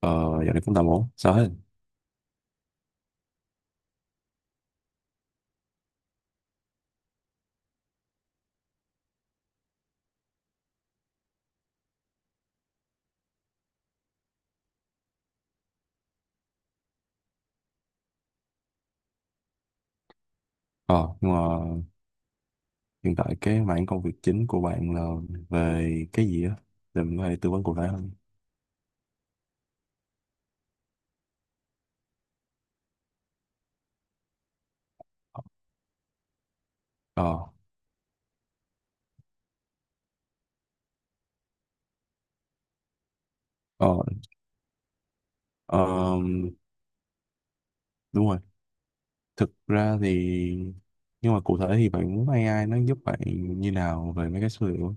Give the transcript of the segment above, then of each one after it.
Ờ, Dạo này cũng tạm ổn, sao hết? Ờ, nhưng mà hiện tại cái mảng công việc chính của bạn là về cái gì á? Để mình có thể tư vấn cụ thể hơn. Ờ, ờ, ờm, Đúng rồi. Thực ra thì, nhưng mà cụ thể thì bạn muốn AI nó giúp bạn như nào về mấy cái số liệu?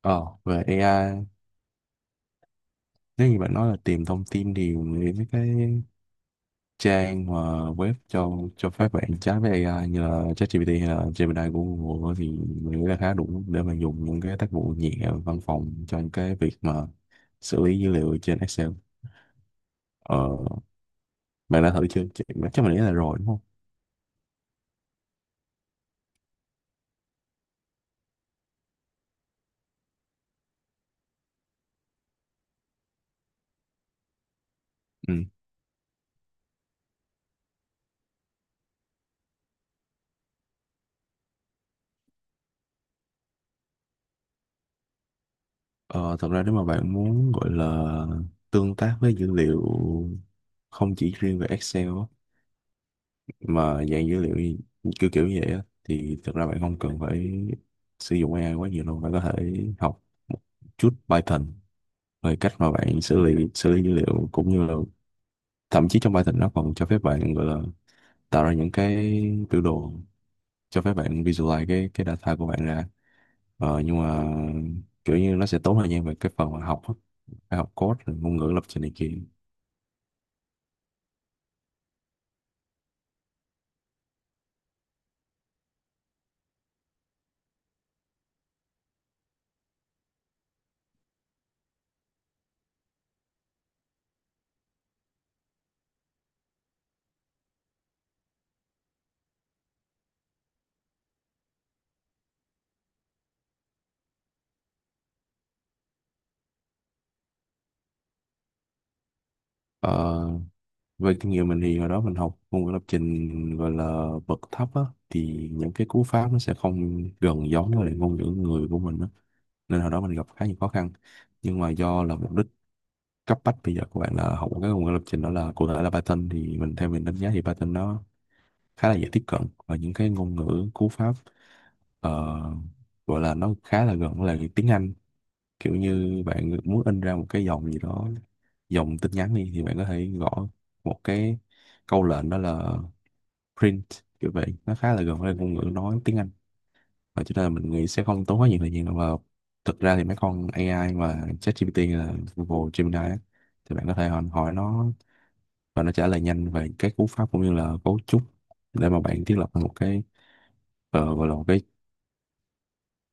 Ờ, Về AI, nếu như bạn nói là tìm thông tin thì mình nghĩ mấy cái trang mà web cho phép bạn chat với AI như là ChatGPT hay là Gemini của Google thì mình nghĩ là khá đủ để mà dùng những cái tác vụ nhẹ văn phòng cho những cái việc mà xử lý dữ liệu trên Excel. Ờ, Bạn đã thử chưa? Chắc chắc mình nghĩ là rồi đúng không? Ừ. Ờ, Thật ra nếu mà bạn muốn gọi là tương tác với dữ liệu không chỉ riêng về Excel á, mà dạng dữ liệu kiểu kiểu như vậy á, thì thật ra bạn không cần phải sử dụng AI quá nhiều đâu. Bạn có thể học một chút Python, rồi cách mà bạn xử lý dữ liệu, cũng như là thậm chí trong Python nó còn cho phép bạn gọi là tạo ra những cái biểu đồ cho phép bạn visualize cái data của bạn ra, nhưng mà kiểu như nó sẽ tốn thời gian về cái phần mà học á. Phải học code rồi ngôn ngữ lập trình này kia. ờ, Về kinh nghiệm mình thì hồi đó mình học ngôn ngữ lập trình gọi là bậc thấp á, thì những cái cú pháp nó sẽ không gần giống với lại ngôn ngữ người của mình á, nên hồi đó mình gặp khá nhiều khó khăn. Nhưng mà do là mục đích cấp bách bây giờ của bạn là học một cái ngôn ngữ lập trình, đó là cụ thể là Python, thì mình, theo mình đánh giá thì Python nó khá là dễ tiếp cận, và những cái ngôn ngữ cú pháp, ờ, gọi là nó khá là gần với lại tiếng Anh. Kiểu như bạn muốn in ra một cái dòng gì đó, dòng tin nhắn đi, thì bạn có thể gõ một cái câu lệnh đó là print, kiểu vậy, nó khá là gần với ngôn ngữ nói tiếng Anh. Và cho nên là mình nghĩ sẽ không tốn quá nhiều thời gian đâu. Và thực ra thì mấy con AI mà ChatGPT là Google Gemini á, thì bạn có thể hỏi hỏi nó, và nó trả lời nhanh về cái cú pháp cũng như là cấu trúc, để mà bạn thiết lập một cái, gọi là một cái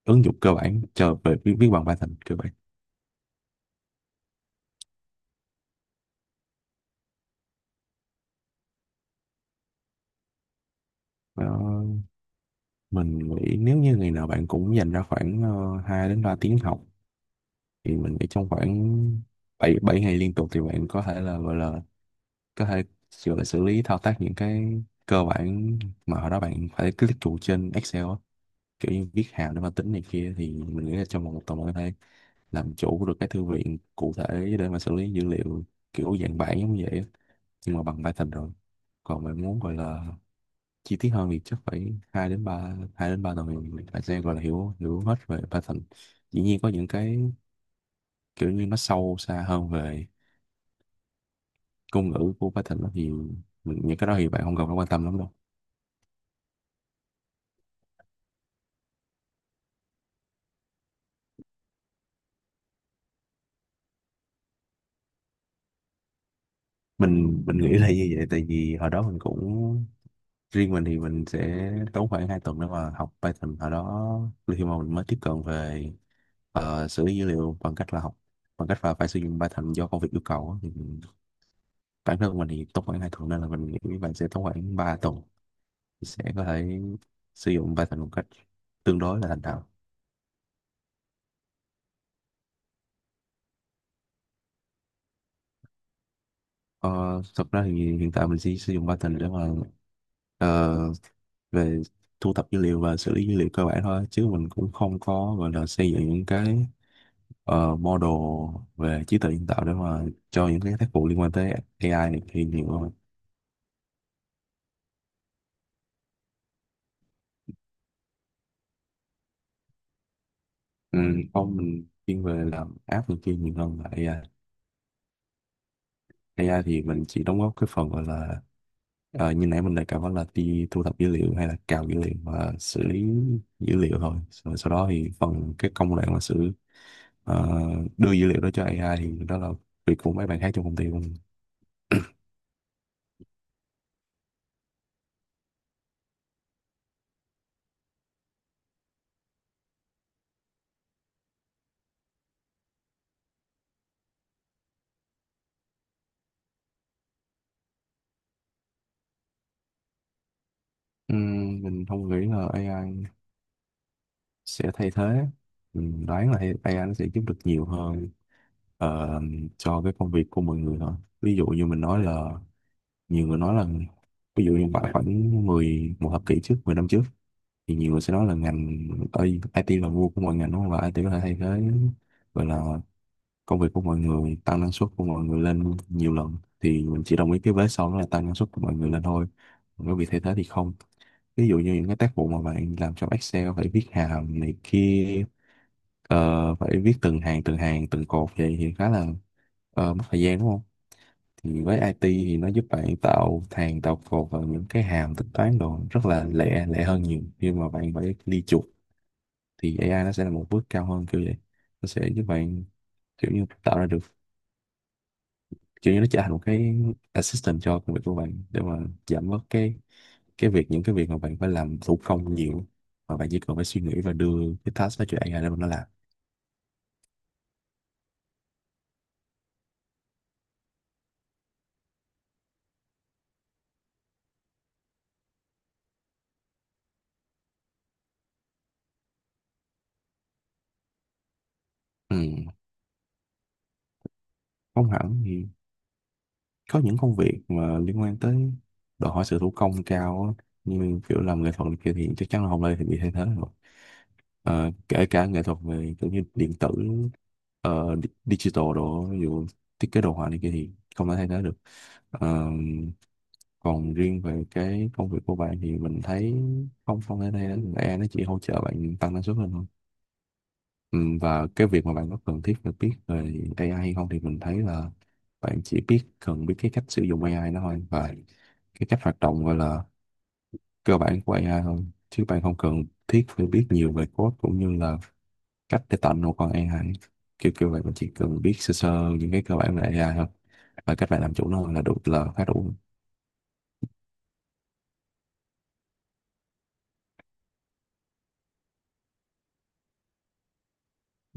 ứng dụng cơ bản cho về viết bằng Python cơ bản. Đó, mình nghĩ nếu như ngày nào bạn cũng dành ra khoảng 2 đến 3 tiếng học thì mình nghĩ trong khoảng 7 7 ngày liên tục thì bạn có thể gọi là xử lý thao tác những cái cơ bản mà hồi đó bạn phải click chuột trên Excel á, kiểu như viết hàm để mà tính này kia, thì mình nghĩ là trong vòng 1 tuần mình có thể làm chủ được cái thư viện cụ thể để mà xử lý dữ liệu kiểu dạng bản giống như vậy á, nhưng mà bằng Python rồi. Còn mình muốn gọi là chi tiết hơn thì chắc phải 2 đến 3 tuần thì phải, sẽ gọi là hiểu hiểu hết về Python. Dĩ nhiên có những cái kiểu như nó sâu xa hơn về ngôn ngữ của Python đó thì mình, những cái đó thì bạn không cần phải quan tâm lắm đâu. Mình nghĩ là như vậy, tại vì hồi đó mình cũng, riêng mình thì mình sẽ tốn khoảng 2 tuần để mà học Python ở đó, khi mà mình mới tiếp cận về, xử lý dữ liệu bằng cách là phải sử dụng Python do công việc yêu cầu á. Bản thân mình thì tốn khoảng 2 tuần, nên là mình nghĩ bạn sẽ tốn khoảng 3 tuần thì sẽ có thể sử dụng Python một cách tương đối là thành thạo. Ờ, Thật ra thì hiện tại mình chỉ sử dụng Python để mà, ờ, về thu thập dữ liệu và xử lý dữ liệu cơ bản thôi, chứ mình cũng không có gọi là xây dựng những cái, model về trí tuệ nhân tạo để mà cho những cái tác vụ liên quan tới AI này kia nhiều hơn. Ừ, không, mình chuyên về làm app này kia nhiều hơn là AI AI. Thì mình chỉ đóng góp cái phần gọi là, như nãy mình đề cập, đó là đi thu thập dữ liệu hay là cào dữ liệu và xử lý dữ liệu thôi, rồi sau đó thì phần cái công đoạn mà ờ, đưa dữ liệu đó cho AI thì đó là việc của mấy bạn khác trong công ty của mình. Mình không nghĩ là AI sẽ thay thế. Mình đoán là AI nó sẽ giúp được nhiều hơn ờ, cho cái công việc của mọi người thôi. Ví dụ như mình nói là, nhiều người nói là, ví dụ như khoảng khoảng 10, một thập kỷ trước, 10 năm trước, thì nhiều người sẽ nói là ngành, ơi, IT là vua của mọi ngành đúng không, và IT có thể thay thế, gọi là, công việc của mọi người, tăng năng suất của mọi người lên nhiều lần. Thì mình chỉ đồng ý cái vế sau, đó là tăng năng suất của mọi người lên thôi, còn cái việc thay thế thì không. Ví dụ như những cái tác vụ mà bạn làm trong Excel phải viết hàm này kia, phải viết từng hàng từng cột vậy thì khá là, mất thời gian đúng không. Thì với IT thì nó giúp bạn tạo hàng tạo cột và những cái hàm tính toán đồ rất là lẹ, lẹ hơn nhiều khi mà bạn phải đi chuột. Thì AI nó sẽ là một bước cao hơn, kiểu vậy, nó sẽ giúp bạn kiểu như tạo ra được, kiểu như nó trở thành một cái assistant cho công việc của bạn để mà giảm bớt cái việc những cái việc mà bạn phải làm thủ công nhiều, mà bạn chỉ cần phải suy nghĩ và đưa cái task đó cho AI để mà nó làm. Ừ, không hẳn, thì có những công việc mà liên quan tới, đòi hỏi sự thủ công cao á, như kiểu làm nghệ thuật này kia thì chắc chắn là không ai thì bị thay thế rồi. Ờ, Kể cả nghệ thuật về kiểu như điện tử, digital đồ, ví dụ thiết kế đồ họa này kia thì không thể thay thế được. Ờ, Còn riêng về cái công việc của bạn thì mình thấy không không thể thay thế được. AI nó chỉ hỗ trợ bạn tăng năng suất lên thôi. Ừ, và cái việc mà bạn có cần thiết phải biết về AI hay không thì mình thấy là bạn chỉ cần biết cái cách sử dụng AI nó thôi, và cái cách hoạt động gọi là cơ bản của AI thôi, chứ bạn không cần thiết phải biết nhiều về code cũng như là cách để tạo một con AI, kiểu kiểu vậy. Bạn chỉ cần biết sơ sơ những cái cơ bản về AI thôi, và cách bạn làm chủ nó là khá đủ.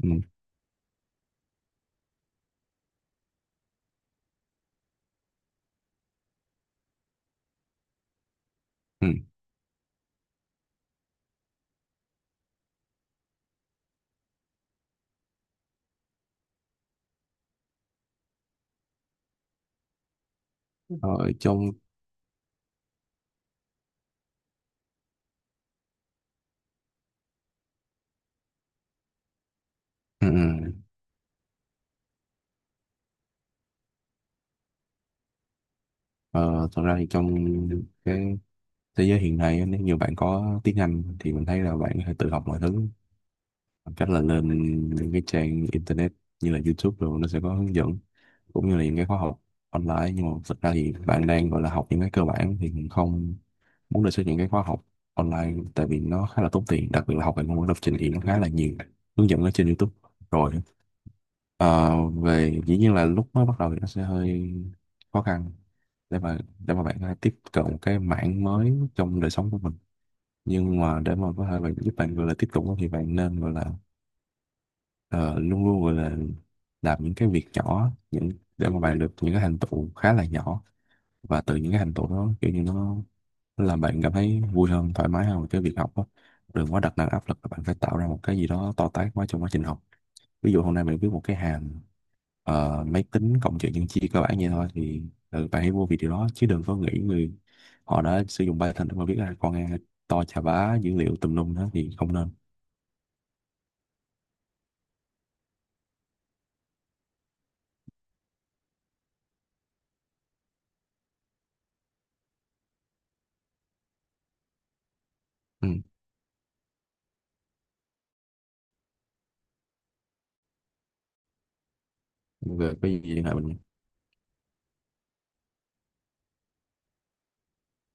Ừ. Ừ. Ở trong Ừ. Ừ. Ờ, Thật ra thì trong cái thế giới hiện nay á, nếu như bạn có tiếng Anh thì mình thấy là bạn có thể tự học mọi thứ bằng cách là lên những cái trang internet như là YouTube, rồi nó sẽ có hướng dẫn cũng như là những cái khóa học online. Nhưng mà thực ra thì bạn đang gọi là học những cái cơ bản thì mình không muốn đề xuất những cái khóa học online, tại vì nó khá là tốn tiền, đặc biệt là học về ngôn ngữ lập trình thì nó khá là nhiều hướng dẫn ở trên YouTube rồi. Ờ, về Dĩ nhiên là lúc mới bắt đầu thì nó sẽ hơi khó khăn để mà, bạn có thể tiếp cận một cái mảng mới trong đời sống của mình. Nhưng mà để mà có thể bạn, giúp bạn gọi là tiếp cận, thì bạn nên gọi là, ờ, luôn luôn gọi là làm những cái việc nhỏ, để mà bạn được những cái thành tựu khá là nhỏ, và từ những cái thành tựu đó kiểu như nó làm bạn cảm thấy vui hơn, thoải mái hơn với cái việc học đó. Đừng quá đặt nặng áp lực là bạn phải tạo ra một cái gì đó to tát quá trong quá trình học. Ví dụ hôm nay bạn viết một cái hàm, máy tính cộng trừ nhân chia cơ bản vậy thôi thì, bạn hãy vô vì điều đó, chứ đừng có nghĩ người họ đã sử dụng Python để mà viết ra con nghe to chà bá dữ liệu tùm lum đó thì không nên. Ừ. Về cái gì hả mình?